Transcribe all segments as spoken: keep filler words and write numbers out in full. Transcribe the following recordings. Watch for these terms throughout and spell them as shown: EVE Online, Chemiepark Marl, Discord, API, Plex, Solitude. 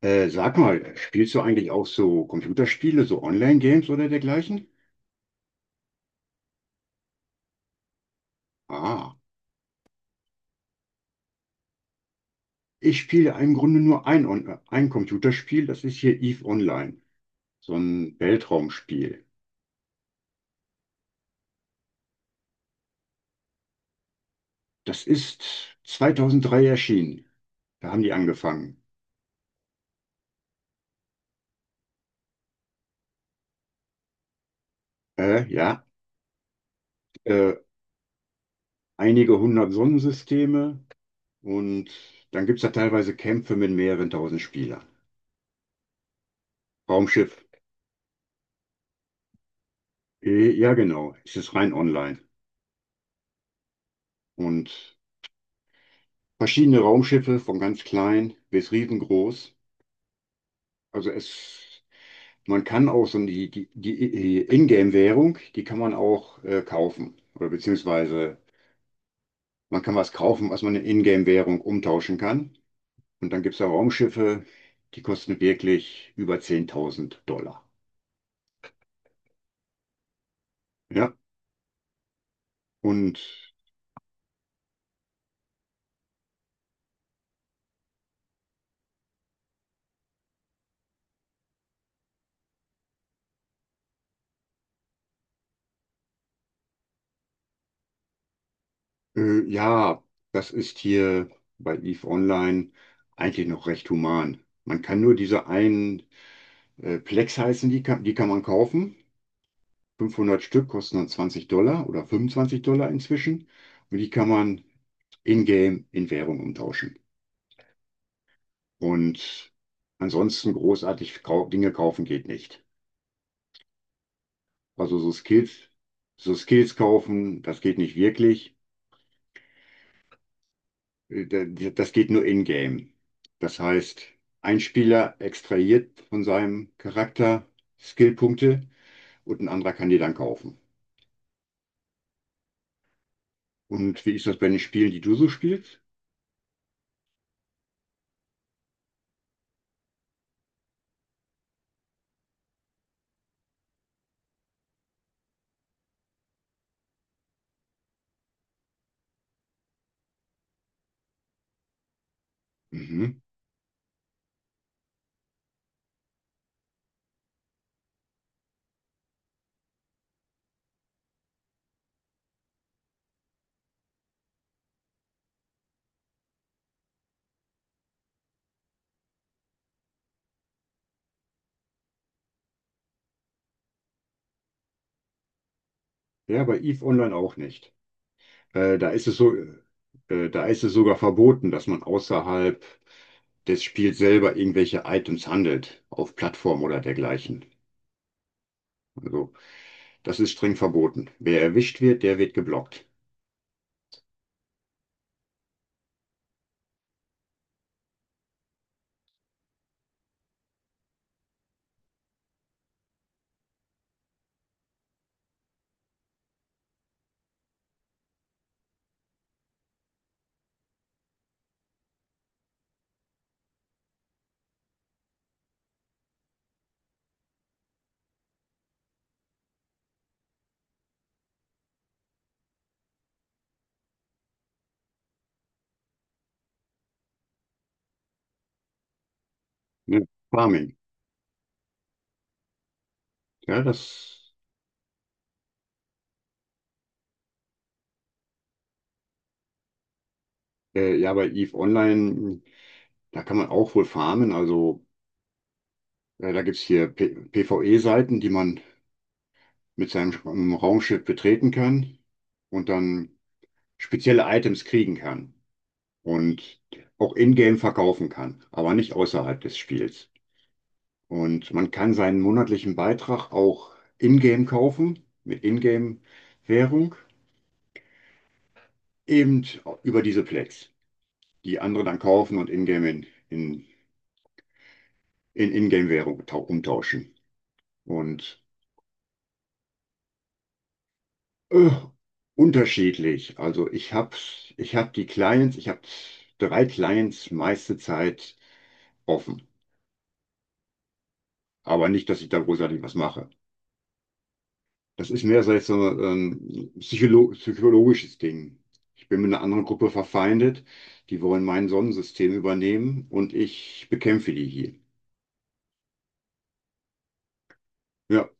Äh, sag mal, spielst du eigentlich auch so Computerspiele, so Online-Games oder dergleichen? Ah, ich spiele im Grunde nur ein, On- ein Computerspiel, das ist hier EVE Online, so ein Weltraumspiel. Das ist zweitausenddrei erschienen, da haben die angefangen. Äh, ja, äh, einige hundert Sonnensysteme und dann gibt es da teilweise Kämpfe mit mehreren tausend Spielern. Raumschiff, äh, ja genau, es ist rein online. Und verschiedene Raumschiffe, von ganz klein bis riesengroß. Also es, man kann auch so die, die, die Ingame-Währung, die kann man auch äh, kaufen. Oder beziehungsweise man kann was kaufen, was man in Ingame-Währung umtauschen kann. Und dann gibt es da Raumschiffe, die kosten wirklich über zehntausend Dollar. Ja, und äh, ja, das ist hier bei EVE Online eigentlich noch recht human. Man kann nur diese einen äh, Plex heißen, die kann, die kann man kaufen. fünfhundert Stück kosten dann zwanzig Dollar oder fünfundzwanzig Dollar inzwischen. Und die kann man in-game in Währung umtauschen. Und ansonsten großartig kau Dinge kaufen geht nicht. Also so Skills, so Skills kaufen, das geht nicht wirklich. Äh, da- Das geht nur in-game. Das heißt, ein Spieler extrahiert von seinem Charakter Skillpunkte und ein anderer kann die dann kaufen. Und wie ist das bei den Spielen, die du so spielst? Mhm. Ja, bei EVE Online auch nicht. Äh, da ist es so, äh, äh, da ist es sogar verboten, dass man außerhalb des Spiels selber irgendwelche Items handelt, auf Plattformen oder dergleichen. Also, das ist streng verboten. Wer erwischt wird, der wird geblockt. Ne? Farming. Ja, das, äh, ja, bei EVE Online, da kann man auch wohl farmen. Also, äh, da gibt's hier PvE-Seiten, die man mit seinem Raumschiff betreten kann und dann spezielle Items kriegen kann und auch in-game verkaufen kann, aber nicht außerhalb des Spiels. Und man kann seinen monatlichen Beitrag auch in-game kaufen, mit in-game-Währung, eben über diese Plex, die andere dann kaufen und in-game in, in, in In-Game-Währung umtauschen. Und Äh, unterschiedlich. Also ich habe ich hab die Clients, ich habe drei Clients meiste Zeit offen. Aber nicht, dass ich da großartig was mache. Das ist mehr so jetzt so ein psycholo psychologisches Ding. Ich bin mit einer anderen Gruppe verfeindet, die wollen mein Sonnensystem übernehmen und ich bekämpfe die hier. Ja.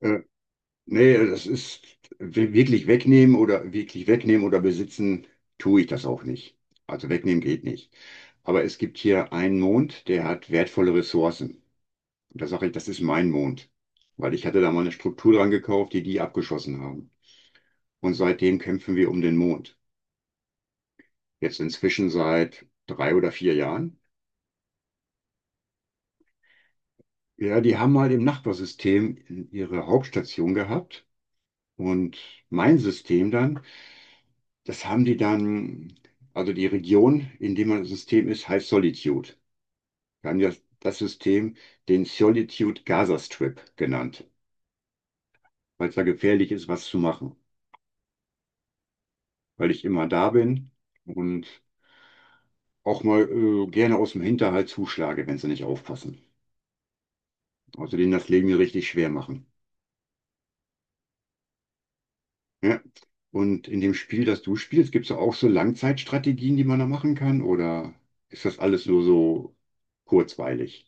äh, Nee, das ist wirklich wegnehmen oder wirklich wegnehmen oder besitzen, tue ich das auch nicht. Also wegnehmen geht nicht. Aber es gibt hier einen Mond, der hat wertvolle Ressourcen. Und da sage ich, das ist mein Mond. Weil ich hatte da mal eine Struktur dran gekauft, die die abgeschossen haben. Und seitdem kämpfen wir um den Mond. Jetzt inzwischen seit drei oder vier Jahren. Ja, die haben mal im Nachbarsystem ihre Hauptstation gehabt. Und mein System dann Das haben die dann, also die Region, in der man das System ist, heißt Solitude. Wir haben das, das System den Solitude Gaza Strip genannt, weil es da gefährlich ist, was zu machen, weil ich immer da bin und auch mal äh, gerne aus dem Hinterhalt zuschlage, wenn sie nicht aufpassen. Also denen das Leben hier richtig schwer machen. Ja. Und in dem Spiel, das du spielst, gibt es auch so Langzeitstrategien, die man da machen kann, oder ist das alles nur so kurzweilig?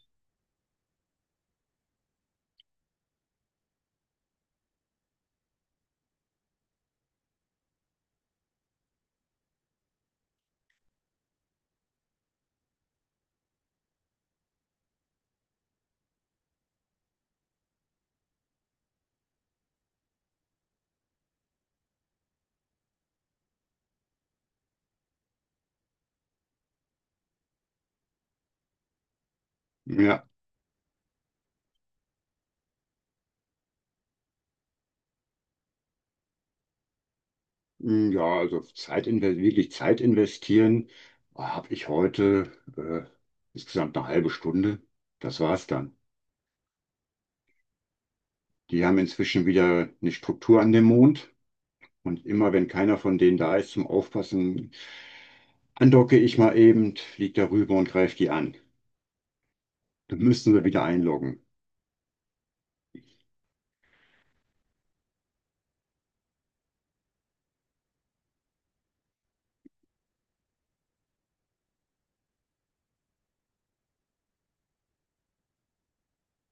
Ja. Mm, ja, also Zeit inve- wirklich Zeit investieren, habe ich heute äh, insgesamt eine halbe Stunde. Das war's dann. Die haben inzwischen wieder eine Struktur an dem Mond und immer wenn keiner von denen da ist zum Aufpassen, andocke ich mal eben, flieg darüber und greife die an. Dann müssen wir wieder einloggen.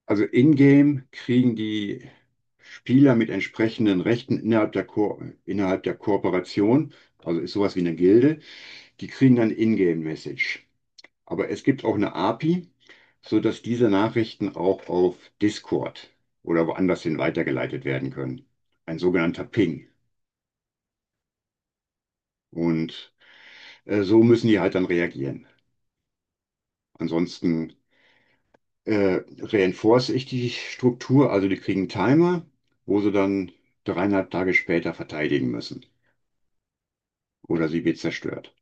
Also in-game kriegen die Spieler mit entsprechenden Rechten innerhalb der Ko innerhalb der Kooperation, also ist sowas wie eine Gilde, Die kriegen dann Ingame-Message. Aber es gibt auch eine A P I, sodass diese Nachrichten auch auf Discord oder woanders hin weitergeleitet werden können. Ein sogenannter Ping. Und äh, so müssen die halt dann reagieren. Ansonsten äh, reinforce ich die Struktur, also die kriegen einen Timer, wo sie dann dreieinhalb Tage später verteidigen müssen. Oder sie wird zerstört.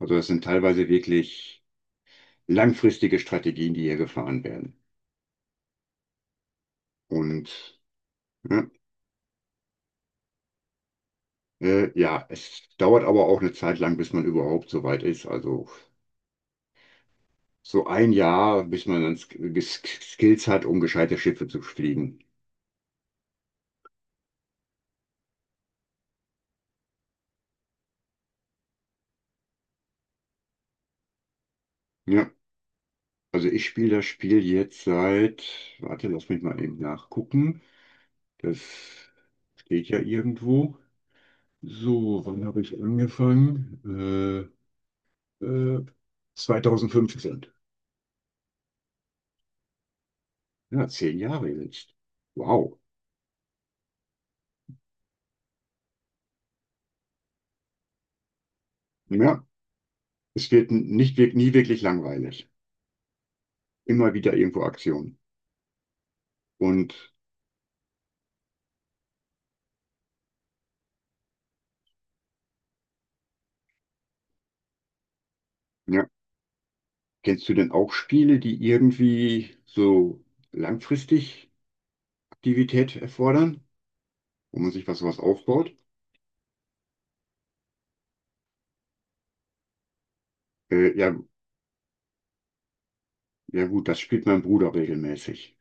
Also das sind teilweise wirklich langfristige Strategien, die hier gefahren werden. Und ja, Äh, ja, es dauert aber auch eine Zeit lang, bis man überhaupt so weit ist. Also so ein Jahr, bis man dann Sk Sk Skills hat, um gescheite Schiffe zu fliegen. Ja, also ich spiele das Spiel jetzt seit, warte, lass mich mal eben nachgucken. Das steht ja irgendwo. So, wann habe ich angefangen? Äh, äh, zweitausendfünfzehn. Ja, zehn Jahre jetzt. Wow. Ja, es wird n- nicht, wirk- nie wirklich langweilig. Immer wieder irgendwo Aktion. Und Ja. Kennst du denn auch Spiele, die irgendwie so langfristig Aktivität erfordern, wo man sich was sowas aufbaut? Äh, ja, ja gut, das spielt mein Bruder regelmäßig.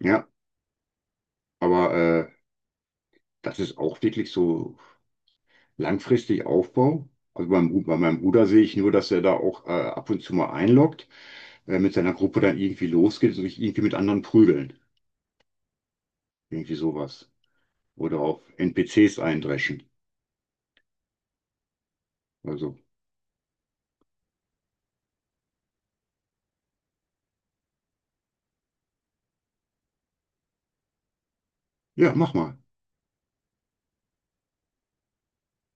Ja, aber äh, das ist auch wirklich so langfristig Aufbau. Also beim, Bru- bei meinem Bruder sehe ich nur, dass er da auch äh, ab und zu mal einloggt, äh, mit seiner Gruppe dann irgendwie losgeht und sich irgendwie mit anderen prügeln. Irgendwie sowas. Oder auf N P Cs eindreschen. Also, ja, mach mal.